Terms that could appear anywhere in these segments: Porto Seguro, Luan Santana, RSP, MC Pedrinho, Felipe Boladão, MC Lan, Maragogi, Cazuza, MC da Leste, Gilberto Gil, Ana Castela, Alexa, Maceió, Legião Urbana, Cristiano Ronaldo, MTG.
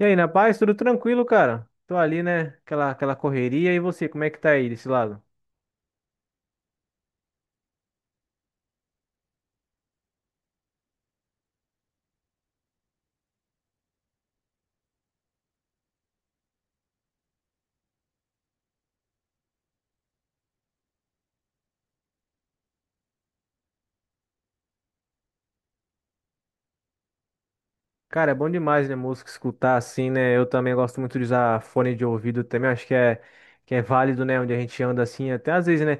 E aí, na paz, tudo tranquilo, cara? Tô ali, né? Aquela correria. E você, como é que tá aí desse lado? Cara, é bom demais, né? Música escutar assim, né? Eu também gosto muito de usar fone de ouvido também. Acho que é válido, né? Onde a gente anda assim, até às vezes, né?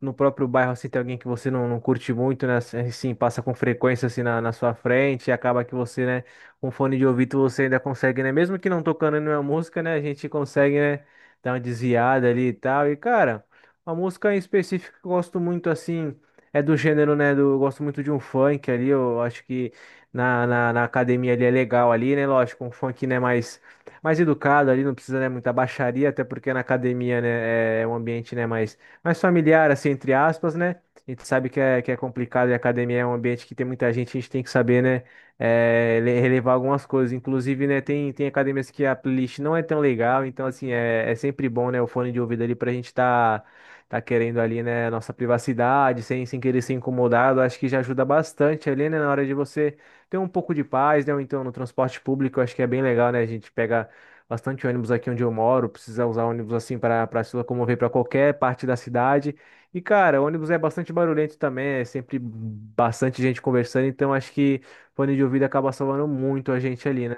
No próprio bairro, assim, tem alguém que você não curte muito, né? Assim, passa com frequência, assim, na sua frente, e acaba que você, né, com fone de ouvido, você ainda consegue, né? Mesmo que não tocando nenhuma música, né, a gente consegue, né, dar uma desviada ali e tal. E, cara, uma música em específico que eu gosto muito, assim, é do gênero, né, do, eu gosto muito de um funk ali, eu acho que na academia ali é legal ali, né? Lógico, um funk, né, mais educado ali, não precisa, né, muita baixaria, até porque na academia, né, é um ambiente, né, mais familiar, assim, entre aspas, né? A gente sabe que é complicado e a academia é um ambiente que tem muita gente, a gente tem que saber, né? Relevar algumas coisas. Inclusive, né, tem academias que a playlist não é tão legal, então, assim, é sempre bom, né, o fone de ouvido ali pra gente tá, tá querendo ali, né, nossa privacidade, sem querer ser incomodado. Acho que já ajuda bastante ali, né, na hora de você ter um pouco de paz, né? Ou então no transporte público, acho que é bem legal, né? A gente pega bastante ônibus aqui onde eu moro, precisa usar ônibus assim para se locomover para qualquer parte da cidade. E cara, ônibus é bastante barulhento também, é sempre bastante gente conversando, então acho que fone de ouvido acaba salvando muito a gente ali, né?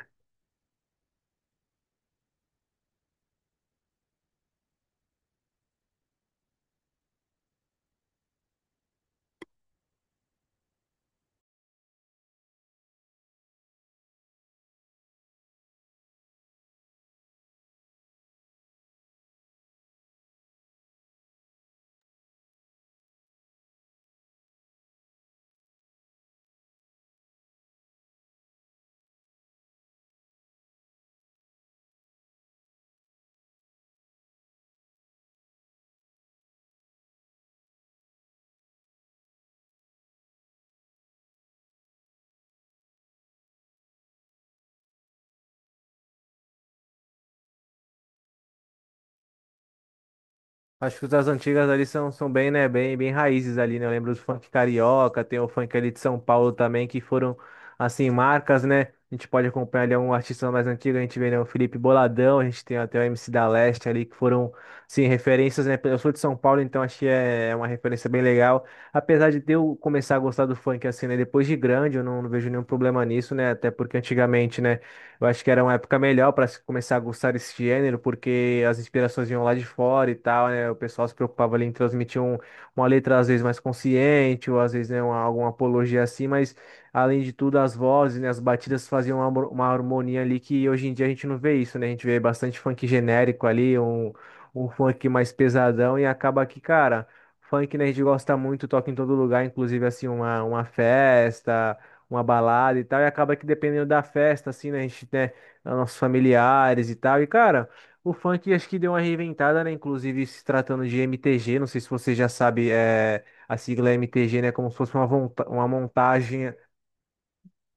Acho que as antigas ali são bem, né, bem raízes ali, né? Eu lembro do funk carioca, tem o funk ali de São Paulo também, que foram, assim, marcas, né? A gente pode acompanhar ali um artista mais antigo, a gente vê, né, o Felipe Boladão, a gente tem até o MC da Leste ali, que foram, assim, referências, né? Eu sou de São Paulo, então acho que é uma referência bem legal. Apesar de eu começar a gostar do funk, assim, né, depois de grande, eu não vejo nenhum problema nisso, né? Até porque antigamente, né? Eu acho que era uma época melhor para se começar a gostar desse gênero, porque as inspirações vinham lá de fora e tal, né? O pessoal se preocupava ali em transmitir uma letra às vezes mais consciente, ou às vezes, né, uma, alguma apologia assim, mas além de tudo, as vozes, né, as batidas faziam uma harmonia ali que hoje em dia a gente não vê isso, né? A gente vê bastante funk genérico ali, um funk mais pesadão e acaba que, cara, funk, né, a gente gosta muito, toca em todo lugar, inclusive assim, uma festa uma balada e tal, e acaba que dependendo da festa, assim, né, a gente tem nossos familiares e tal, e cara, o funk acho que deu uma reinventada, né, inclusive se tratando de MTG, não sei se você já sabe, é, a sigla MTG, né, como se fosse uma, uma montagem.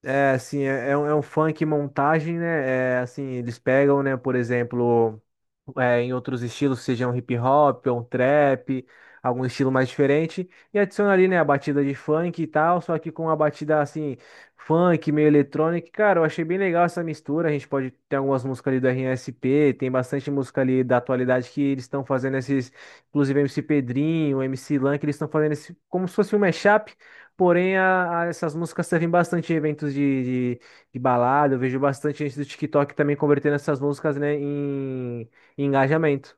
É, assim, é um funk montagem, né? É, assim, eles pegam, né, por exemplo, em outros estilos, seja um hip hop, ou um trap, algum estilo mais diferente, e adiciona ali, né, a batida de funk e tal, só que com uma batida, assim, funk, meio eletrônica. Cara, eu achei bem legal essa mistura. A gente pode ter algumas músicas ali do RSP, tem bastante música ali da atualidade que eles estão fazendo esses, inclusive MC Pedrinho, MC Lan, que eles estão fazendo esse, como se fosse um mashup. Porém, essas músicas servem bastante em eventos de balada. Eu vejo bastante gente do TikTok também convertendo essas músicas, né, em engajamento.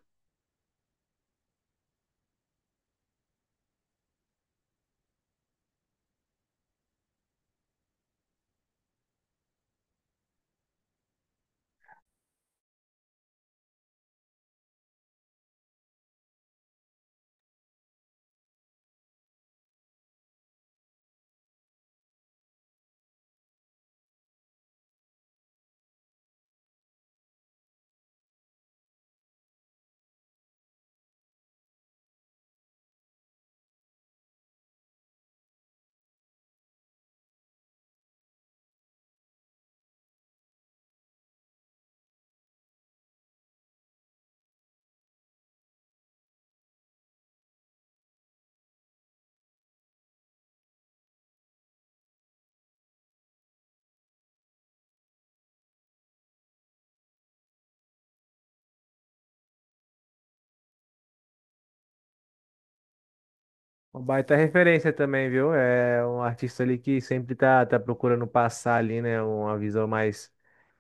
Uma baita referência também, viu? É um artista ali que sempre tá procurando passar ali, né? Uma visão mais,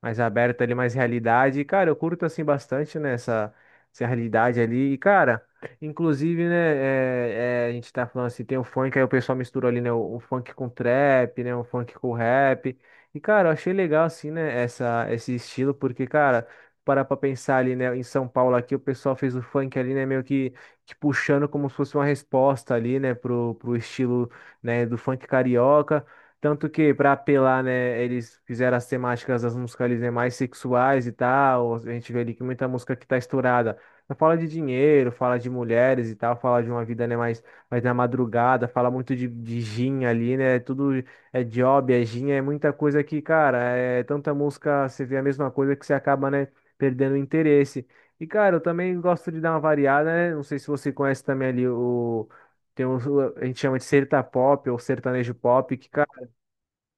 mais aberta ali, mais realidade. E, cara, eu curto assim bastante, né? Essa realidade ali. E, cara, inclusive, né? A gente tá falando assim, tem o funk, aí o pessoal mistura ali, né? O funk com trap, né? O funk com rap. E, cara, eu achei legal, assim, né? Essa, esse estilo, porque, cara, parar pra pensar ali, né? Em São Paulo aqui, o pessoal fez o funk ali, né? Meio que te puxando como se fosse uma resposta ali, né, pro estilo, né, do funk carioca. Tanto que, para apelar, né, eles fizeram as temáticas das músicas ali, né, mais sexuais e tal. A gente vê ali que muita música que tá estourada. Não fala de dinheiro, fala de mulheres e tal, fala de uma vida, né, mais, mais na madrugada, fala muito de gin ali, né? Tudo é job, é gin, é muita coisa que, cara, é tanta música, você vê a mesma coisa que você acaba, né, perdendo o interesse. E, cara, eu também gosto de dar uma variada, né? Não sei se você conhece também ali o. Tem um, a gente chama de serta pop ou sertanejo pop, que, cara,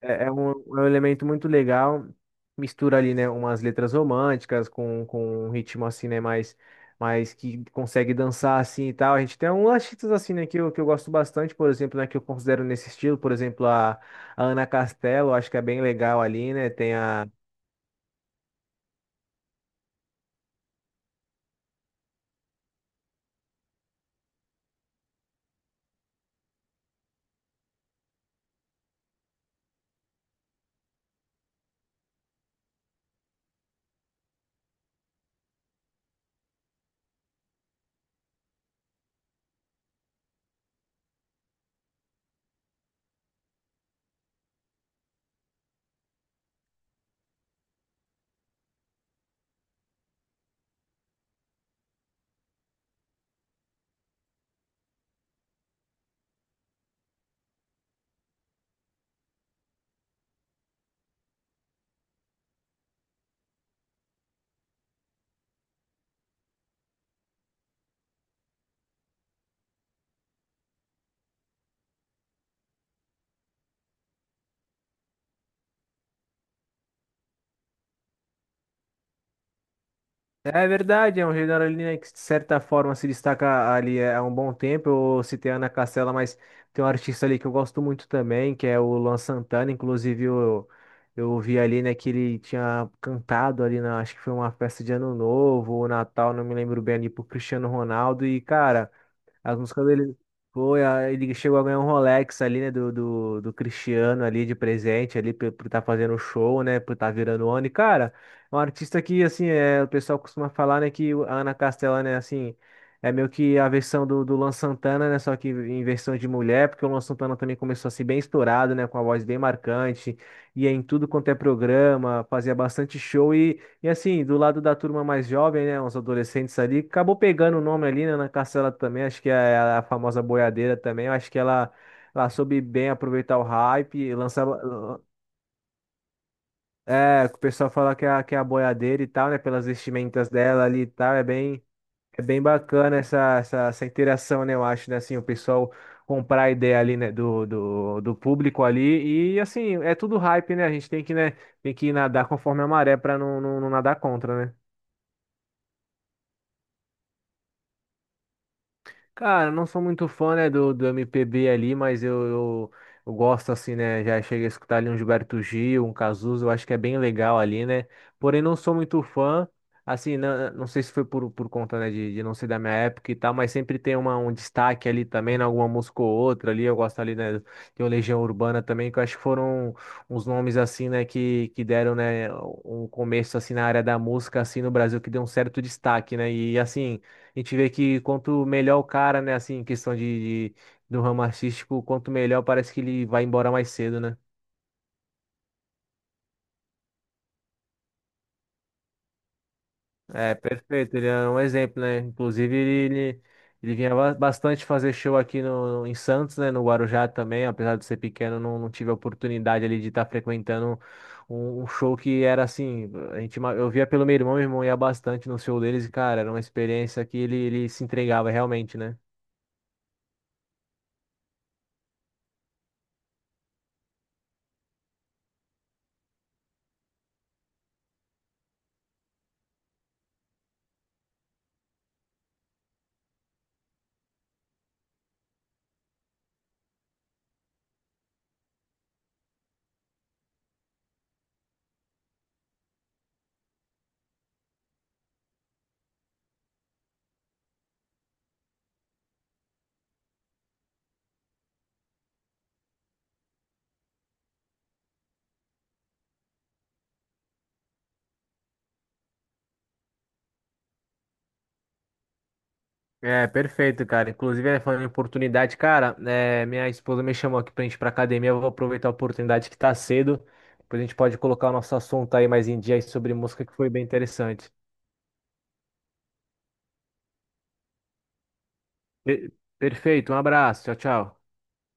é um elemento muito legal. Mistura ali, né, umas letras românticas com um ritmo assim, né, mais, mais que consegue dançar assim e tal. A gente tem uns artistas assim, né, que eu gosto bastante, por exemplo, né, que eu considero nesse estilo, por exemplo, a Ana Castela, eu acho que é bem legal ali, né? Tem a. É verdade, é um Generalina que de certa forma se destaca ali é, há um bom tempo. Eu citei a Ana Castela, mas tem um artista ali que eu gosto muito também, que é o Luan Santana. Inclusive, eu vi ali, né, que ele tinha cantado ali na, acho que foi uma festa de Ano Novo ou Natal, não me lembro bem ali, pro Cristiano Ronaldo. E, cara. As músicas dele. Foi, ele chegou a ganhar um Rolex ali, né? Do Cristiano ali de presente ali, por estar fazendo um show, né? Por estar virando ONI. Cara, é um artista que, assim, é, o pessoal costuma falar, né? A Ana Castela, né, assim. É meio que a versão do Luan Santana, né? Só que em versão de mulher, porque o Luan Santana também começou a ser bem estourado, né? Com a voz bem marcante, ia em tudo quanto é programa, fazia bastante show e assim, do lado da turma mais jovem, né, uns adolescentes ali, acabou pegando o nome ali, né, na Castela também, acho que é a famosa boiadeira também, eu acho que ela soube bem aproveitar o hype, e lançava, é, o pessoal fala que é, que é a boiadeira e tal, né, pelas vestimentas dela ali e tal, é bem bacana essa, essa, essa interação, né, eu acho, né, assim, o pessoal comprar a ideia ali, né, do público ali, e assim, é tudo hype, né, a gente tem que, né, tem que nadar conforme a maré pra não, não nadar contra, né. Cara, não sou muito fã, né, do MPB ali, mas eu gosto, assim, né, já cheguei a escutar ali um Gilberto Gil, um Cazuza, eu acho que é bem legal ali, né, porém não sou muito fã, assim, não, não sei se foi por conta, né, de não ser da minha época e tal, mas sempre tem uma, um destaque ali também, né, alguma música ou outra ali, eu gosto ali, né, de uma Legião Urbana também, que eu acho que foram uns nomes, assim, né, que deram, né, um começo, assim, na área da música, assim, no Brasil, que deu um certo destaque, né, e, assim... A gente vê que quanto melhor o cara, né, assim, em questão de do ramo artístico, quanto melhor parece que ele vai embora mais cedo, né? É, perfeito, ele é um exemplo, né? Inclusive, ele vinha bastante fazer show aqui no, em Santos, né, no Guarujá também, apesar de ser pequeno, não, não tive a oportunidade ali de estar frequentando um, um show que era assim, a gente, eu via pelo meu irmão ia bastante no show deles e, cara, era uma experiência que ele se entregava realmente, né? É, perfeito, cara. Inclusive, é, falando em oportunidade, cara, é, minha esposa me chamou aqui pra gente ir pra academia. Eu vou aproveitar a oportunidade que tá cedo. Depois a gente pode colocar o nosso assunto aí mais em dia aí sobre música, que foi bem interessante. Per- Perfeito, um abraço. Tchau, tchau.